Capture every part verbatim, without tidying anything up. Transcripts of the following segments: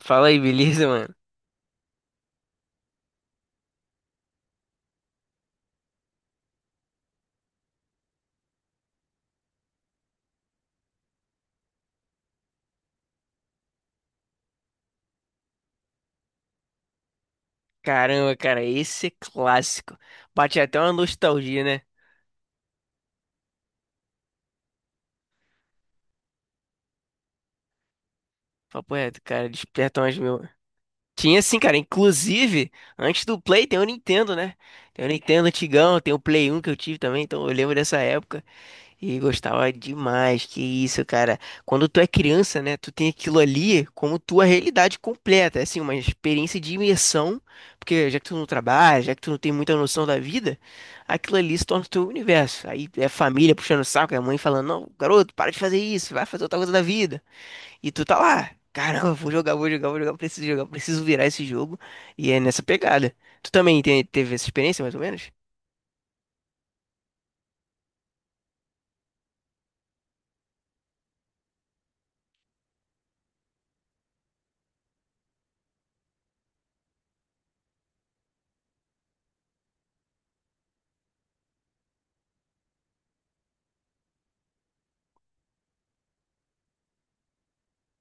Fala aí, beleza, mano? Caramba, cara, esse é clássico. Bate até uma nostalgia, né? Papo reto, cara, desperta umas mil. Tinha sim, cara, inclusive, antes do Play tem o Nintendo, né? Tem o Nintendo antigão, tem o Play um que eu tive também, então eu lembro dessa época. E gostava demais, que isso, cara. Quando tu é criança, né, tu tem aquilo ali como tua realidade completa, é assim, uma experiência de imersão, porque já que tu não trabalha, já que tu não tem muita noção da vida, aquilo ali se torna o teu universo. Aí é família puxando o saco, é a mãe falando, não, garoto, para de fazer isso, vai fazer outra coisa da vida. E tu tá lá, caramba, vou jogar, vou jogar, vou jogar, preciso jogar, preciso virar esse jogo. E é nessa pegada. Tu também te- teve essa experiência, mais ou menos?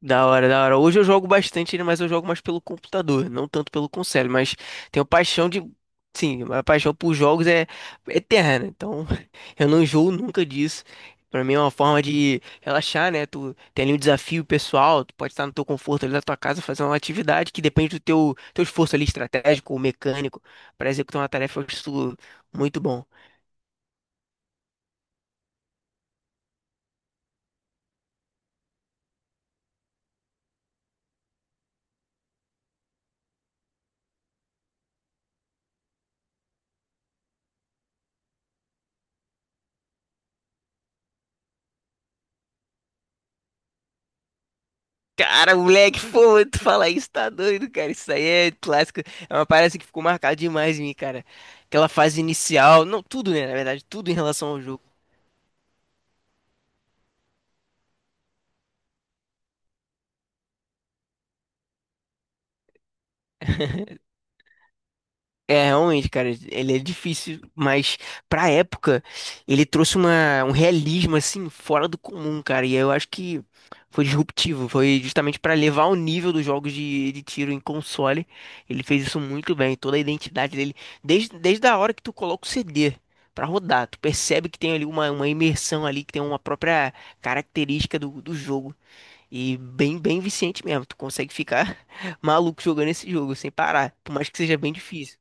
Da hora, da hora. Hoje eu jogo bastante ele, mas eu jogo mais pelo computador, não tanto pelo console, mas tenho paixão de. Sim, a paixão por jogos é eterna, então eu não enjoo nunca disso. Pra mim é uma forma de relaxar, né? Tu tem ali um desafio pessoal, tu pode estar no teu conforto ali da tua casa, fazer uma atividade que depende do teu, teu esforço ali estratégico ou mecânico para executar uma tarefa. Eu acho isso muito bom. Cara, moleque, pô, tu falar isso tá doido, cara. Isso aí é clássico. É uma parada assim que ficou marcada demais em mim, cara. Aquela fase inicial, não, tudo, né? Na verdade, tudo em relação ao jogo. É, realmente, cara, ele é difícil, mas pra época ele trouxe uma, um realismo assim fora do comum, cara. E eu acho que foi disruptivo, foi justamente pra levar o nível dos jogos de, de tiro em console. Ele fez isso muito bem, toda a identidade dele, desde, desde a hora que tu coloca o C D pra rodar, tu percebe que tem ali uma, uma imersão ali, que tem uma própria característica do, do jogo. E bem, bem viciante mesmo, tu consegue ficar maluco jogando esse jogo sem parar, por mais que seja bem difícil.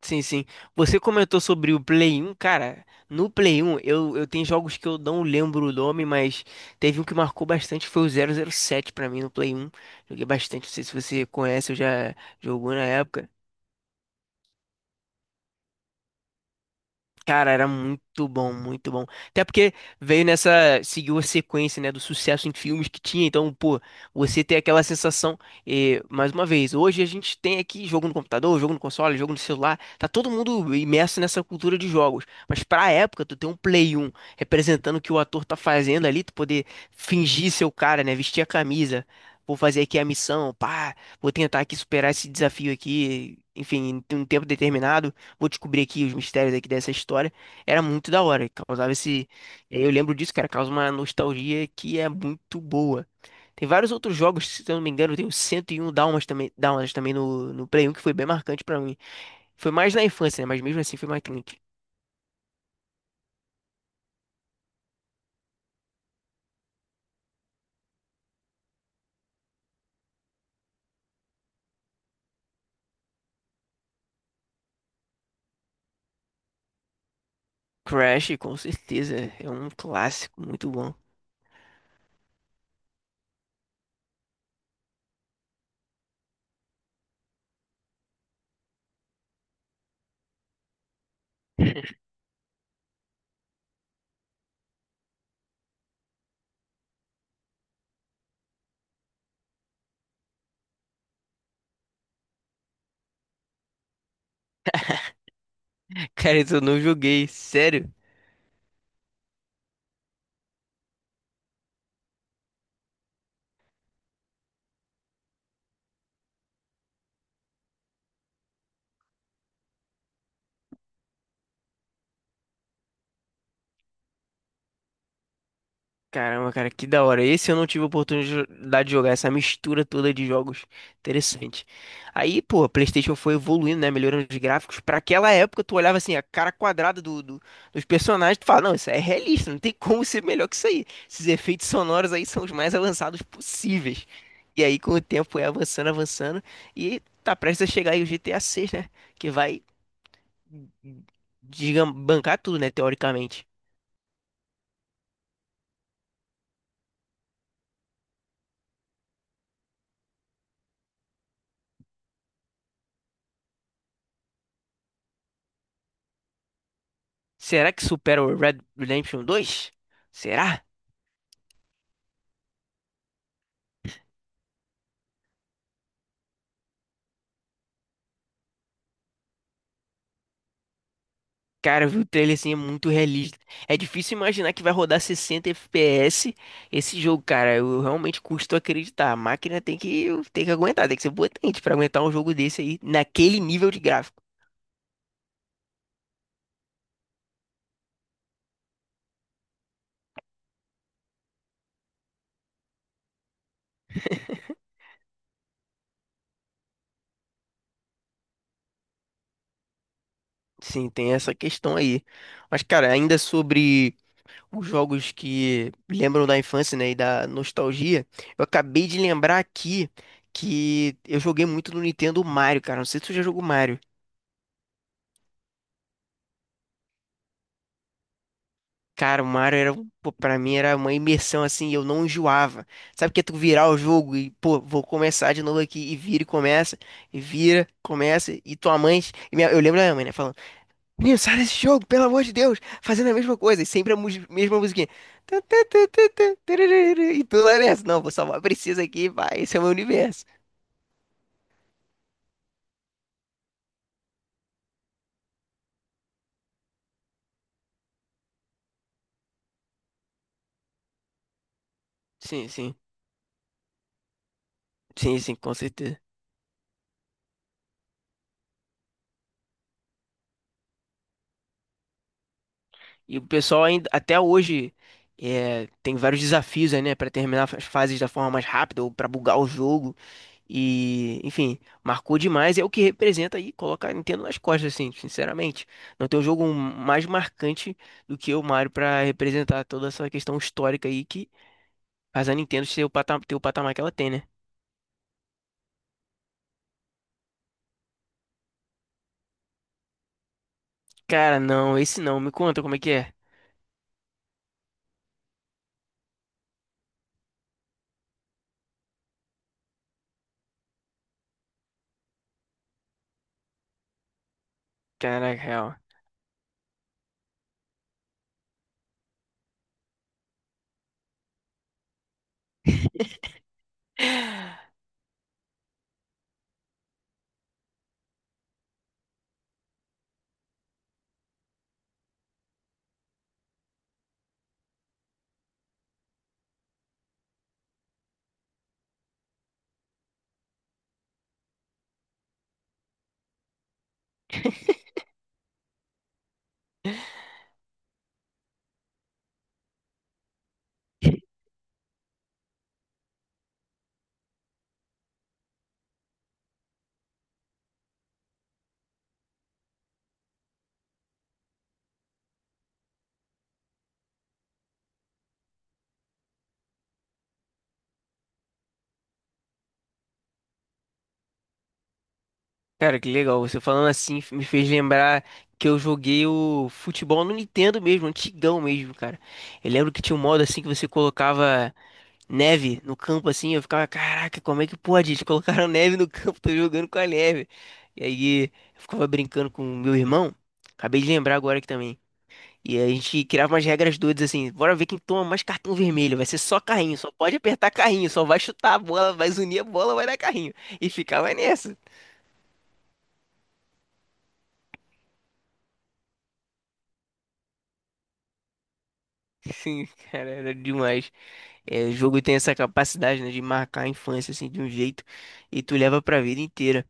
Sim, sim. Você comentou sobre o Play um, cara. No Play um eu, eu tenho jogos que eu não lembro o nome, mas teve um que marcou bastante, foi o zero zero sete pra mim no Play um. Joguei bastante, não sei se você conhece, eu já jogou na época. Cara, era muito bom, muito bom. Até porque veio nessa, seguiu a sequência, né, do sucesso em filmes que tinha. Então, pô, você tem aquela sensação. E, mais uma vez, hoje a gente tem aqui jogo no computador, jogo no console, jogo no celular. Tá todo mundo imerso nessa cultura de jogos. Mas pra época, tu ter um Play um representando o que o ator tá fazendo ali, tu poder fingir ser o cara, né, vestir a camisa. Vou fazer aqui a missão, pá, vou tentar aqui superar esse desafio aqui, enfim, em um tempo determinado vou descobrir aqui os mistérios aqui dessa história. Era muito da hora, causava esse. E aí eu lembro disso, cara, causa uma nostalgia que é muito boa. Tem vários outros jogos, se eu não me engano, tem o cento e um Dálmatas também, Dálmatas também no, no Play um, que foi bem marcante pra mim. Foi mais na infância, né? Mas mesmo assim foi marcante. Crash, com certeza, é um clássico muito bom. Cara, isso eu não joguei, sério. Caramba, cara, que da hora. Esse eu não tive oportunidade de jogar, essa mistura toda de jogos. Interessante. Aí, pô, a PlayStation foi evoluindo, né? Melhorando os gráficos. Pra aquela época, tu olhava assim, a cara quadrada do, do- dos personagens, tu fala, não, isso é realista, não tem como ser melhor que isso aí. Esses efeitos sonoros aí são os mais avançados possíveis. E aí, com o tempo, foi avançando, avançando. E tá prestes a chegar aí o G T A vi, né? Que vai digam, bancar tudo, né? Teoricamente. Será que supera o Red Redemption dois? Será? Cara, eu vi o trailer assim, é muito realista. É difícil imaginar que vai rodar sessenta F P S esse jogo, cara. Eu realmente custo acreditar. A máquina tem que, tem que, aguentar, tem que ser potente pra aguentar um jogo desse aí, naquele nível de gráfico. Sim, tem essa questão aí. Mas, cara, ainda sobre os jogos que lembram da infância, né, e da nostalgia, eu acabei de lembrar aqui que eu joguei muito no Nintendo Mario, cara. Não sei se tu já jogou Mario. Cara, o Mario era, pô, pra mim era uma imersão assim, eu não enjoava. Sabe que é tu virar o jogo e, pô, vou começar de novo aqui, e vira e começa, e vira, começa, e tua mãe. E minha- eu lembro da minha mãe, né, falando: menino, sai desse jogo, pelo amor de Deus, fazendo a mesma coisa, e sempre a mus- mesma musiquinha. Tã, tã, tã, tã, tã, tararara, e tu lá nessa, não, vou salvar a princesa aqui, vai, esse é o meu universo. Sim, sim, sim, sim, com certeza. E o pessoal ainda, até hoje é, tem vários desafios aí, né, para terminar as fases da forma mais rápida ou para bugar o jogo. E, enfim, marcou demais. É o que representa aí, coloca a Nintendo nas costas, assim, sinceramente. Não tem um jogo mais marcante do que o Mario para representar toda essa questão histórica aí que faz a Nintendo ter o patamar, ter o patamar que ela tem, né? Cara, não, esse não. Me conta como é que é. Caraca, real. Cara, que legal. Você falando assim me fez lembrar que eu joguei o futebol no Nintendo mesmo, antigão mesmo, cara. Eu lembro que tinha um modo assim que você colocava neve no campo assim, eu ficava, caraca, como é que pode? Eles colocaram neve no campo, tô jogando com a neve. E aí eu ficava brincando com o meu irmão. Acabei de lembrar agora aqui também. E a gente criava umas regras doidas assim, bora ver quem toma mais cartão vermelho, vai ser só carrinho, só pode apertar carrinho, só vai chutar a bola, vai unir a bola, vai dar carrinho. E ficava nessa. Sim, cara, era demais. É, o jogo tem essa capacidade, né, de marcar a infância assim de um jeito e tu leva pra vida inteira.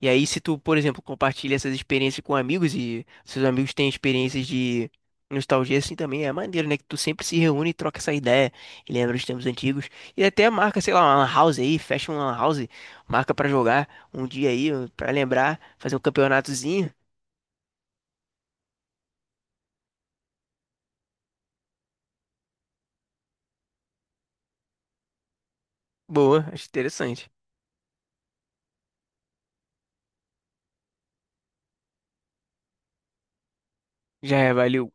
E aí, se tu, por exemplo, compartilha essas experiências com amigos e seus amigos têm experiências de nostalgia assim também, é maneiro, né? Que tu sempre se reúne e troca essa ideia e lembra os tempos antigos. E até marca, sei lá, uma lan house aí, fecha uma lan house, marca pra jogar um dia aí, pra lembrar, fazer um campeonatozinho. Boa, acho interessante. Já é, valeu.